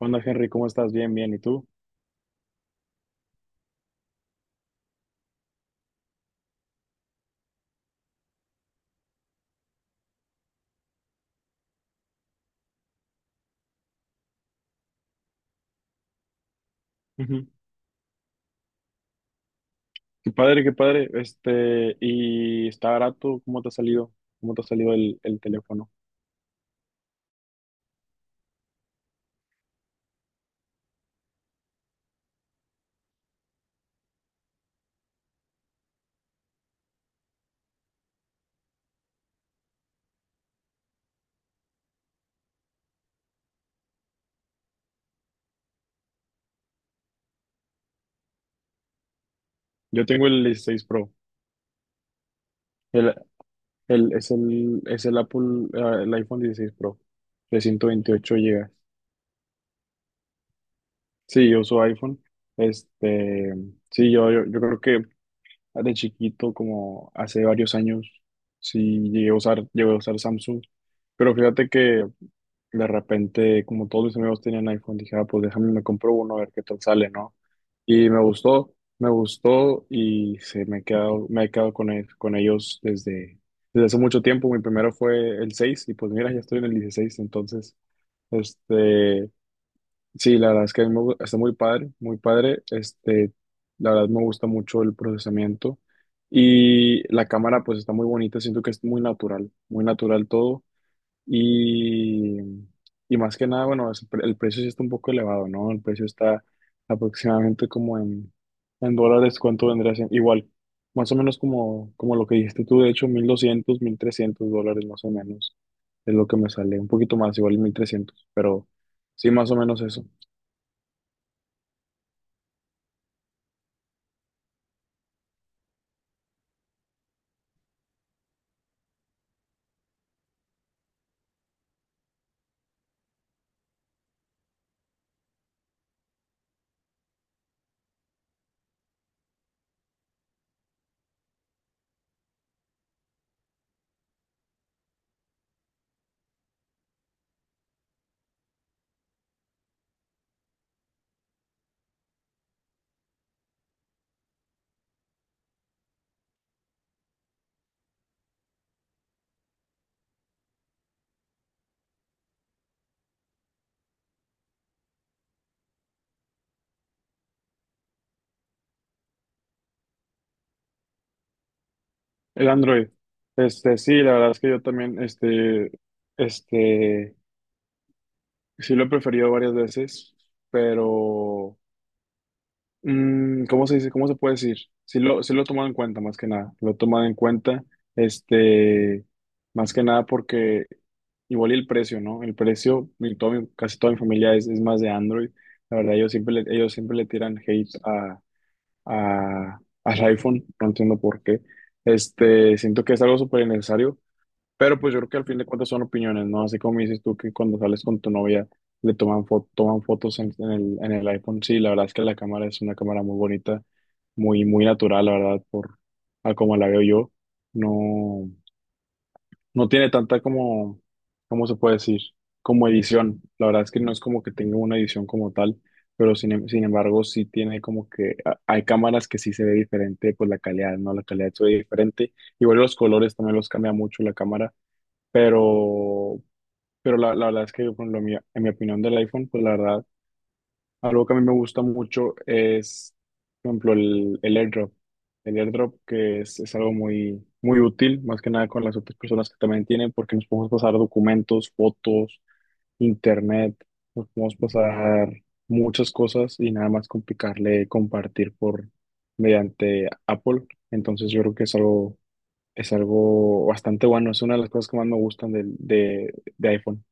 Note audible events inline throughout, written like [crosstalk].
Hola Henry, ¿cómo estás? Bien, bien. ¿Y tú? Ujú. Qué padre, qué padre. Este, y está barato. ¿Cómo te ha salido? ¿Cómo te ha salido el teléfono? Yo tengo el 16 Pro. El, es el Apple, ah, el iPhone 16 Pro de 128 GB. Sí, yo uso iPhone. Este, sí, yo creo que de chiquito, como hace varios años, sí llegué a usar Samsung. Pero fíjate que de repente, como todos mis amigos tenían iPhone, dije, ah, pues déjame, me compro uno a ver qué tal sale, ¿no? Y me gustó y se me he quedado con ellos desde hace mucho tiempo. Mi primero fue el 6 y pues mira, ya estoy en el 16 entonces, este, sí, la verdad es que a mí me gu- está muy padre, muy padre. Este, la verdad me gusta mucho el procesamiento y la cámara pues está muy bonita, siento que es muy natural todo. Y, y más que nada, bueno, el precio sí está un poco elevado, ¿no? El precio está aproximadamente como en dólares, ¿cuánto vendría siendo? Igual, más o menos como lo que dijiste tú, de hecho, 1.200 1.300 dólares más o menos es lo que me sale, un poquito más, igual 1.300 pero sí, más o menos eso. El Android, este, sí, la verdad es que yo también, este, sí lo he preferido varias veces, pero... Mm, ¿cómo se dice? ¿Cómo se puede decir? Sí lo toman en cuenta, más que nada. Lo toman en cuenta, este, más que nada porque igual y el precio, ¿no? El precio, casi toda mi familia es más de Android. La verdad, ellos siempre le tiran hate al iPhone. No entiendo por qué. Este, siento que es algo súper innecesario pero pues yo creo que al fin de cuentas son opiniones, ¿no? Así como dices tú que cuando sales con tu novia toman fotos en el iPhone. Sí, la verdad es que la cámara es una cámara muy bonita, muy, muy natural, la verdad, por a como la veo yo. No, no tiene tanta como, ¿cómo se puede decir? Como edición. La verdad es que no es como que tenga una edición como tal, pero sin embargo sí tiene como que, hay cámaras que sí se ve diferente, pues la calidad, ¿no? La calidad se ve diferente. Igual los colores también los cambia mucho la cámara pero, pero la verdad es que con lo mío, en mi opinión del iPhone, pues la verdad, algo que a mí me gusta mucho es, por ejemplo, el AirDrop. El AirDrop que es algo muy, muy útil, más que nada con las otras personas que también tienen, porque nos podemos pasar documentos, fotos, internet, nos podemos pasar muchas cosas y nada más complicarle compartir por mediante Apple. Entonces yo creo que es algo bastante bueno, es una de las cosas que más me gustan de iPhone.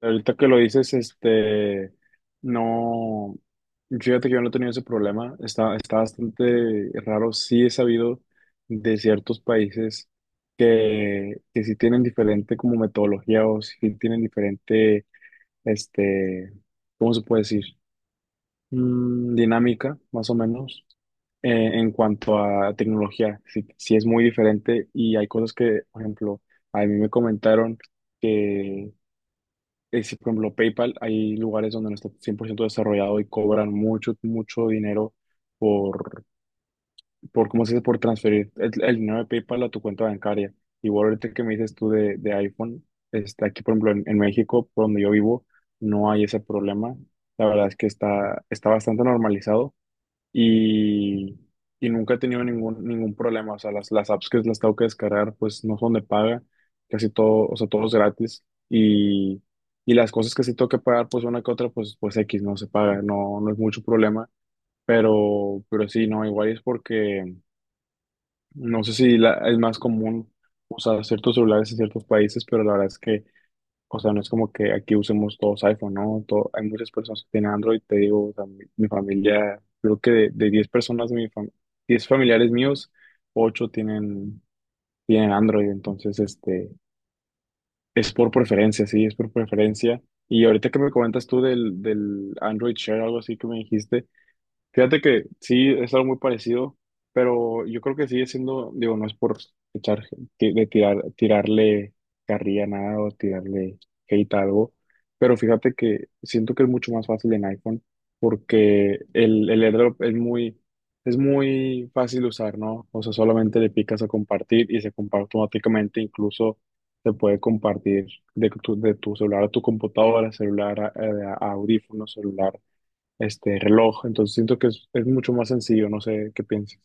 Ahorita que lo dices, este, no, fíjate que yo no he tenido ese problema, está bastante raro, sí he sabido de ciertos países que sí tienen diferente como metodología o sí tienen diferente, este, ¿cómo se puede decir? Dinámica, más o menos, en cuanto a tecnología. Sí, sí es muy diferente y hay cosas que, por ejemplo, a mí me comentaron que, si, por ejemplo, PayPal, hay lugares donde no está 100% desarrollado y cobran mucho, mucho dinero por, por ¿cómo se dice?, por transferir el dinero de PayPal a tu cuenta bancaria. Igual ahorita que me dices tú de iPhone, está aquí, por ejemplo, en México, por donde yo vivo, no hay ese problema. La verdad es que está bastante normalizado y, y nunca he tenido ningún problema. O sea, las apps que las tengo que descargar, pues no son de paga, casi todo, o sea, todo es gratis. Y, y las cosas que sí tengo que pagar, pues una que otra, pues X no se paga, no, no es mucho problema. Pero sí, no, igual es porque no sé si la- es más común usar ciertos celulares en ciertos países, pero la verdad es que o sea, no es como que aquí usemos todos iPhone, ¿no? Hay muchas personas que tienen Android, te digo, o sea, mi familia, creo que de 10 personas, 10 familiares míos, 8 tienen Android, entonces, este, es por preferencia, sí, es por preferencia. Y ahorita que me comentas tú del Android Share, algo así que me dijiste, fíjate que sí, es algo muy parecido, pero yo creo que sigue siendo, digo, no es por echar, ti- de tirar, tirarle carrilla a nada o tirarle hate a algo, pero fíjate que siento que es mucho más fácil en iPhone porque el AirDrop es muy fácil de usar, ¿no? O sea, solamente le picas a compartir y se comparte automáticamente, incluso se puede compartir de tu celular a tu computadora, celular a audífono, celular este reloj, entonces siento que es mucho más sencillo, no sé qué piensas.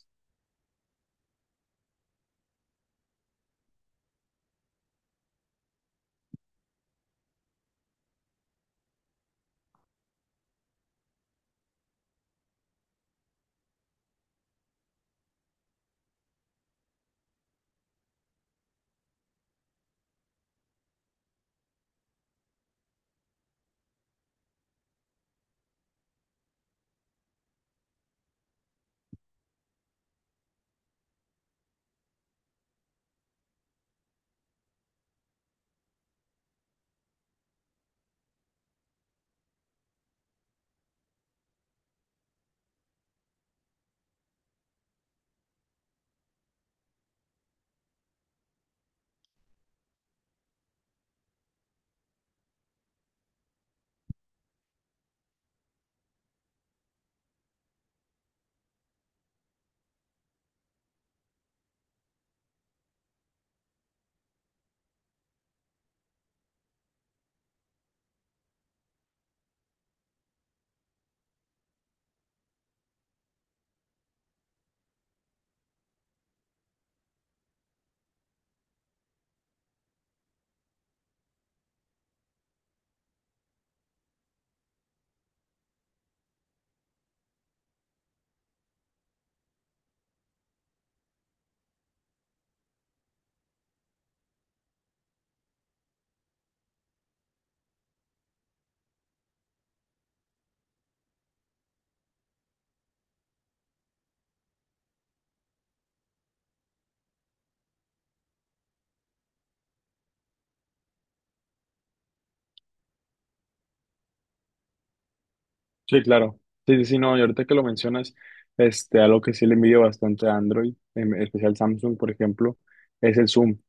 Sí, claro. Sí, sí, sí, no, y ahorita que lo mencionas, este, algo que sí le envidio bastante a Android, en especial Samsung, por ejemplo, es el zoom.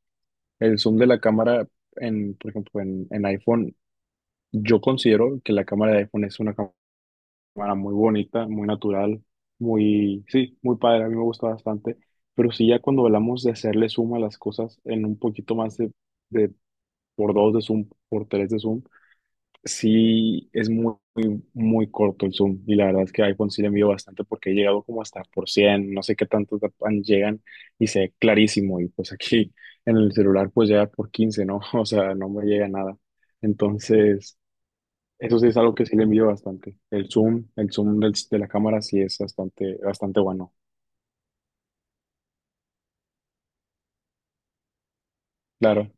El zoom de la cámara en, por ejemplo, en iPhone, yo considero que la cámara de iPhone es una cámara muy bonita, muy natural, muy, sí, muy padre, a mí me gusta bastante, pero sí ya cuando hablamos de hacerle zoom a las cosas en un poquito más de por dos de zoom, por tres de zoom, sí, es muy, muy, muy corto el zoom y la verdad es que iPhone sí le envío bastante porque he llegado como hasta por 100, no sé qué tantos llegan y se ve clarísimo y pues aquí en el celular pues llega por 15, ¿no? [laughs] O sea, no me llega nada. Entonces, eso sí es algo que sí le envío bastante. El zoom de la cámara sí es bastante, bastante bueno. Claro.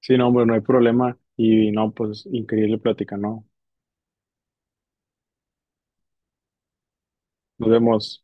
Sí, no, hombre, no hay problema y no, pues increíble plática, ¿no? Nos vemos.